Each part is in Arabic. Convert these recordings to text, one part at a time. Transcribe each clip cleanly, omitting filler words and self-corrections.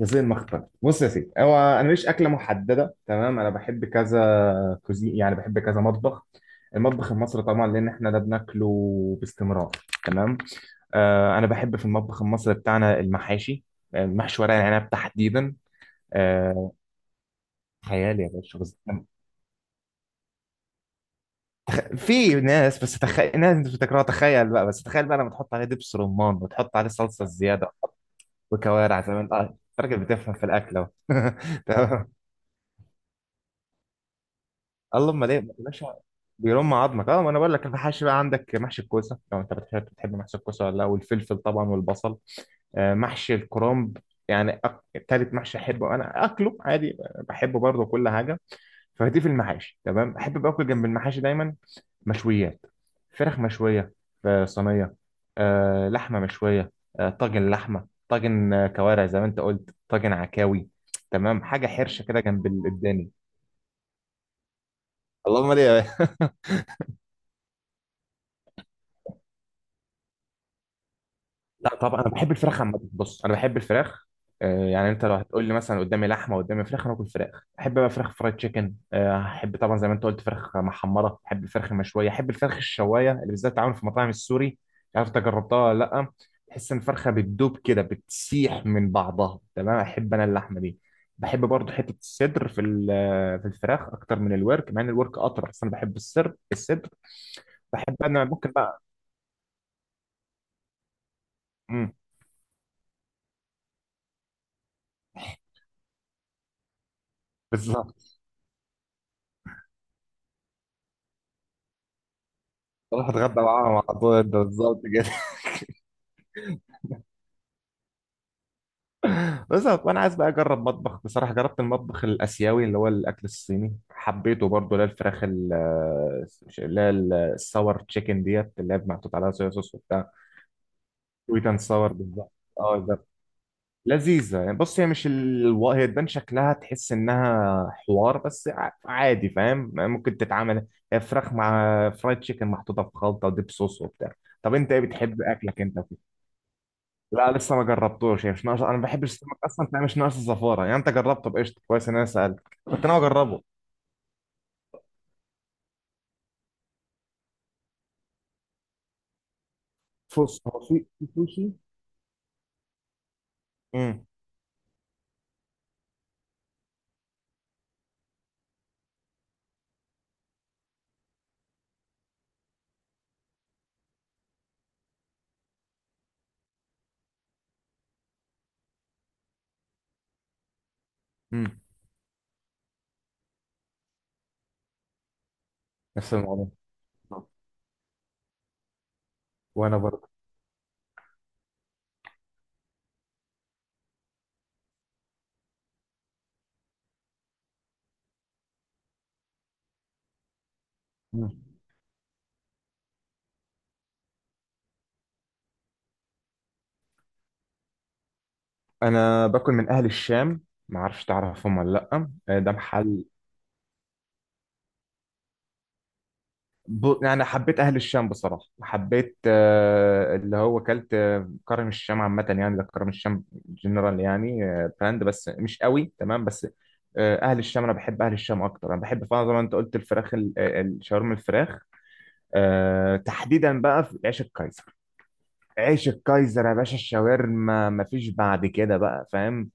غزل المخبز. بص يا سيدي، هو انا ماليش اكله محدده، تمام؟ انا بحب كذا كوزين، يعني بحب كذا مطبخ. المطبخ المصري طبعا، لان احنا ده بناكله باستمرار. تمام. آه، انا بحب في المطبخ المصري بتاعنا المحاشي. محشي ورق العنب تحديدا. آه، خيال يا باشا، بس في ناس، بس تخيل، ناس انت بتكرهها، تخيل بقى، بس تخيل بقى لما تحط عليه دبس رمان وتحط عليه صلصه زياده وكوارع. زمان، اه انت راجل بتفهم في الاكل اهو. تمام. الله، امال ايه يا باشا؟ بيرم عظمك. اه، ما انا بقول لك، المحاشي بقى، عندك محشي الكوسه، لو انت بتحب، بتحب محشي الكوسه ولا لا؟ والفلفل طبعا والبصل. محشي الكرنب، يعني تالت محشي احبه، انا اكله عادي، بحبه برضه، كل حاجه. فدي في المحاشي تمام. احب باكل جنب المحاشي دايما مشويات، فراخ مشويه في صينيه، لحمه مشويه، طاجن لحمه، طاجن كوارع زي ما انت قلت، طاجن عكاوي. تمام، حاجه حرشه كده جنب الداني. اللهم ليه. لا طبعا، انا بحب الفراخ عامه. بص، انا بحب الفراخ، يعني انت لو هتقول لي مثلا قدامي لحمه قدامي فراخ، انا اكل فراخ. احب بقى فراخ فرايد تشيكن، احب طبعا زي ما انت قلت فراخ محمره، احب الفراخ المشويه، احب الفراخ الشوايه اللي بالذات بتتعمل في مطاعم السوري. عارف، انت جربتها ولا لا؟ تحس ان الفرخه بتدوب كده، بتسيح من بعضها. تمام، احب انا اللحمه دي. بحب برضه حته الصدر في الفراخ اكتر من الورك، مع ان الورك اطرى، بس انا بحب الصدر الصدر. بحب انا، ممكن بقى. امم. بالظبط. اروح اتغدى معاهم على طول، ده بالظبط كده. بس وانا عايز بقى اجرب مطبخ. بصراحه جربت المطبخ الاسيوي، اللي هو الاكل الصيني، حبيته برضه، اللي هي الساور تشيكن ديت، اللي هي محطوط عليها صويا صوص وبتاع. سويت اند ساور بالظبط. اه ده لذيذه يعني. بص، هي مش ال... هي تبان شكلها تحس انها حوار، بس عادي، فاهم، ممكن تتعمل. هي فراخ مع فرايد تشيكن محطوطه في خلطه وديب صوص وبتاع. طب انت ايه بتحب اكلك انت؟ لا لسه ما جربتوش، يعني مش ناقص، انا ما بحبش السمك اصلا، مش ناقص الزفاره يعني، انت جربته بقشطه؟ كويس ان انا سالت. كنت ناوي اجربه. بص، هو في في سوشي. امم. امم. نفس الموضوع. وانا برضه. مم. انا باكل من اهل الشام، ما اعرفش تعرفهم ولا لا؟ آه، ده محل. يعني حبيت اهل الشام بصراحه. حبيت آه، اللي هو كلت آه، كرم الشام عامه، يعني ده كرم الشام جنرال، يعني آه، براند، بس مش قوي. تمام. بس آه، اهل الشام انا بحب اهل الشام اكتر. انا بحب فعلا زي ما انت قلت الفراخ الشاورما الفراخ، آه، تحديدا بقى في عيش الكايزر. عيش الكايزر يا باشا، الشاورما مفيش بعد كده بقى، فاهم؟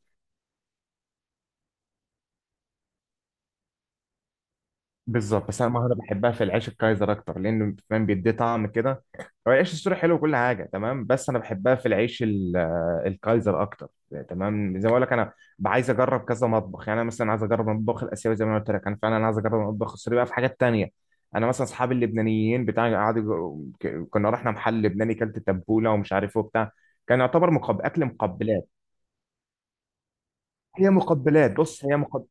بالظبط، بس انا المهاره بحبها في العيش الكايزر اكتر، لانه فاهم بيديه طعم كده. هو العيش السوري حلو وكل حاجه تمام، بس انا بحبها في العيش ال- آه، الكايزر اكتر. تمام، زي ما اقول لك، انا عايز اجرب كذا مطبخ، يعني انا مثلا عايز اجرب المطبخ الاسيوي زي ما أنا قلت لك، انا فعلا عايز اجرب المطبخ السوري بقى، في حاجات تانية. انا مثلا اصحابي اللبنانيين بتاع قعدوا كنا رحنا محل لبناني، كلت تبوله ومش عارف ايه وبتاع، كان يعتبر اكل مقبلات. هي مقبلات، بص هي مقبلات.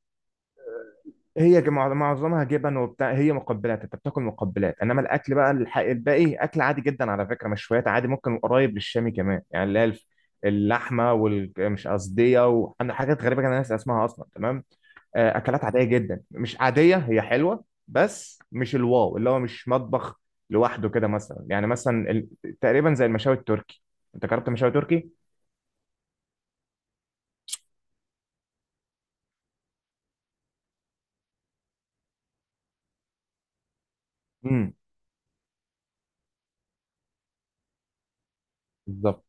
هي معظمها جبن وبتاع، هي مقبلات، انت بتاكل مقبلات، انما الاكل بقى الباقي اكل عادي جدا على فكره. مشويات عادي، ممكن قريب للشامي كمان، يعني اللحمه والمش قصديه. وعندنا حاجات غريبه، كان الناس اسمها اصلا، تمام. آه، اكلات عاديه جدا، مش عاديه، هي حلوه، بس مش الواو، اللي هو مش مطبخ لوحده كده مثلا. يعني مثلا تقريبا زي المشاوي التركي. انت جربت مشاوي تركي؟ امم. بالظبط.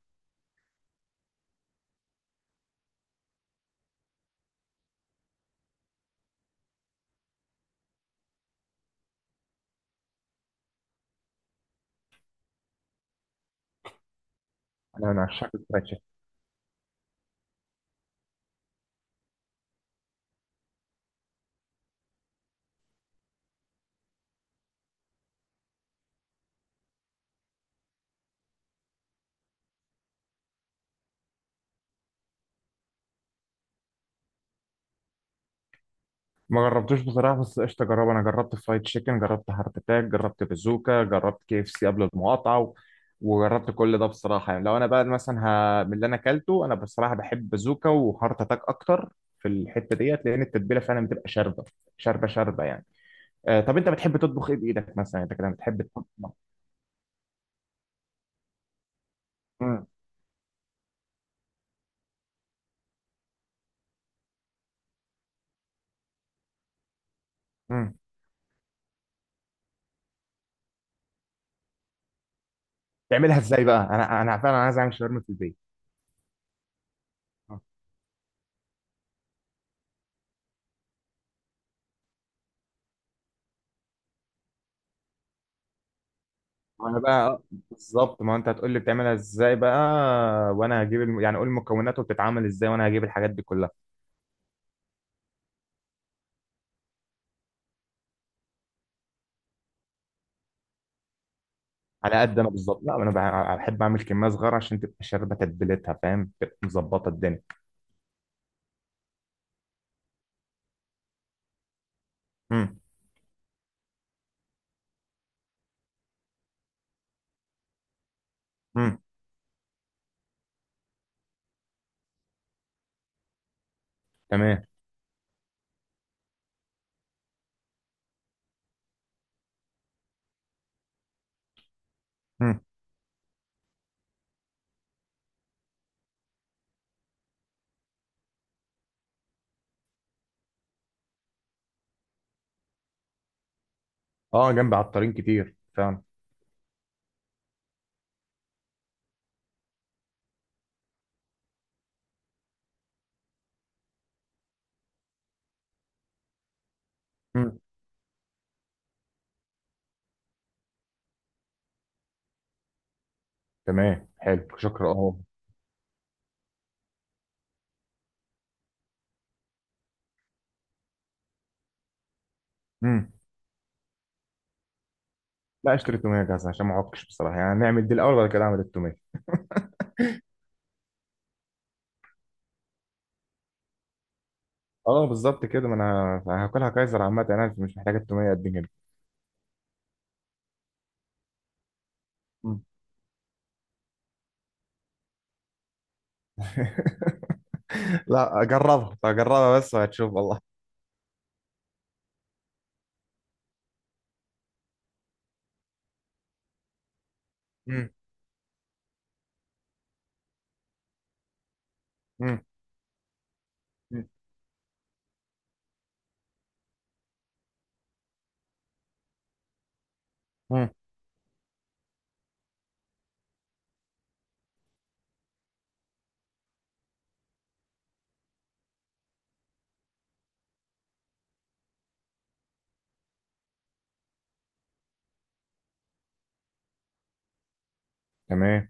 انا عشاق الفراخ. ما جربتوش بصراحة، بس قشطة أجربه. أنا جربت فرايد تشيكن، جربت هارت أتاك، جربت بازوكا، جربت كي اف سي قبل المقاطعة، وجربت كل ده بصراحة. يعني لو أنا بقى مثلا من اللي أنا أكلته، أنا بصراحة بحب بازوكا وهارت أتاك أكتر في الحتة ديت، لأن التتبيلة فعلا بتبقى شاربة، شاربة شاربة يعني. آه، طب أنت بتحب تطبخ إيه بإيدك مثلا؟ أنت كده بتحب تطبخ؟ مم. مم. تعملها إزاي بقى؟ أنا فعلا عايز أعمل شاورما في البيت. ما انا بقى آه، بالظبط، ما انت هتقول لي بتعملها ازاي بقى، وانا هجيب يعني قول المكونات وبتتعمل ازاي وانا هجيب الحاجات دي كلها. على قد انا بالظبط. لا انا بحب اعمل كميه صغيره عشان تبقى شاربه تتبيلتها، فاهم؟ تبقى مظبطه الدنيا. امم. امم. تمام. امم. اه جنبي عطارين كتير فعلا. امم. تمام، حلو، شكرا. اه. امم. لا اشتري توميه جاهزه عشان ما اعكش بصراحه، يعني نعمل دي الاول وبعد كده اعمل التوميه. اه بالظبط كده، ما انا هاكلها كايزر عامه، يعني انا مش محتاج التوميه قد كده. مم. لا جربها، جربها بس وهتشوف والله. مم. مم. مم. مم. تمام.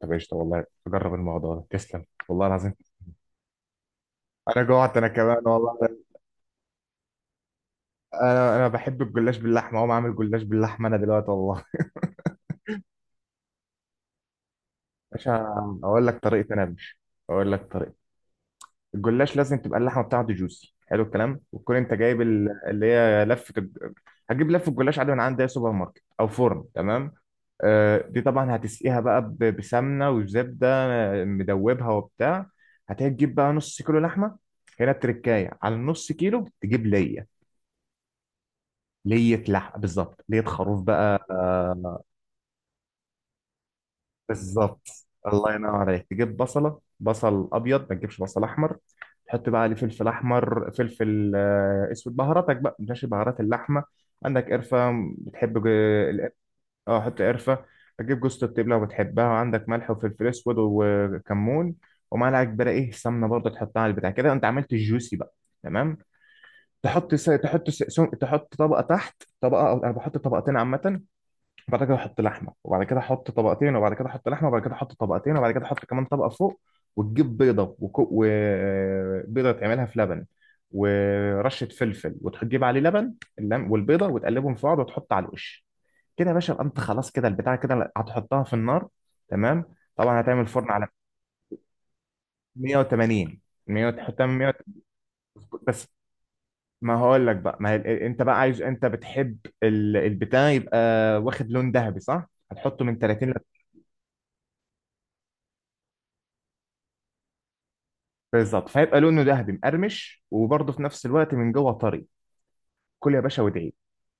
طب قشطة، والله أجرب الموضوع ده، تسلم والله العظيم. انا جوعت انا كمان والله. انا بحب الجلاش باللحمه، اقوم اعمل جلاش باللحمه انا دلوقتي والله. عشان اقول لك طريقه. انا مش اقول لك طريقه الجلاش لازم تبقى اللحمه بتاعته جوسي، حلو الكلام، وتكون انت جايب ال- اللي هي لفه الج- هتجيب لفه الجلاش عادي من عند اي سوبر ماركت او فرن، تمام. آه، دي طبعا هتسقيها بقى بسمنه وزبده آه، مدوبها وبتاع. هتجيب بقى نص كيلو لحمه. هنا التركايه على النص كيلو، تجيب ليه؟ ليه لحمه بالظبط، ليه خروف بقى. بالظبط. الله ينور عليك. تجيب بصله، بصل ابيض، ما تجيبش بصل احمر. تحط بقى عليه فلفل احمر، فلفل آه، اسود، بهاراتك بقى ماشي، بهارات اللحمه. عندك قرفه؟ بتحب ج- القرفة- اه حط قرفه. هتجيب جوزة الطيب لو بتحبها، وعندك ملح وفلفل اسود وكمون، ومعلقه كبيره ايه، سمنه برضه تحطها على البتاع كده، انت عملت الجوسي بقى. تمام. تحط طبقه تحت طبقه، او انا بحط طبقتين عامه. بعد كده احط لحمه، وبعد كده احط طبقتين، وبعد كده احط لحمه، وبعد كده احط طبقتين، وبعد كده احط كمان طبقه فوق. وتجيب بيضه وبيضه تعملها في لبن ورشه فلفل، وتجيب عليه لبن. والبيضه وتقلبهم في بعض وتحط على الوش كده يا باشا. يبقى انت خلاص كده، البتاع كده هتحطها في النار. تمام. طبعا هتعمل فرن على 180. 100، تحطها من 100. بس ما هقول لك بقى، ما هي... انت بقى عايز، انت بتحب البتاع يبقى واخد لون ذهبي، صح؟ هتحطه من 30. بالظبط، فهيبقى لونه ذهبي مقرمش، وبرضه في نفس الوقت من جوه طري. كل يا باشا وادعي.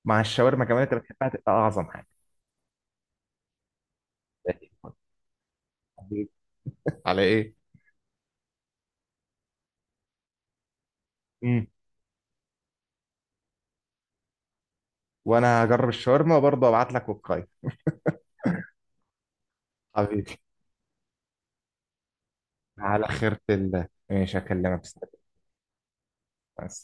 مع الشاورما كمان انت بتحبها، تبقى اعظم حاجه. حبيبي، على ايه؟ امم. وانا هجرب الشاورما وبرضه ابعت لك وقايه. حبيبي، على خيرة الله، ماشي اكلمك. بس.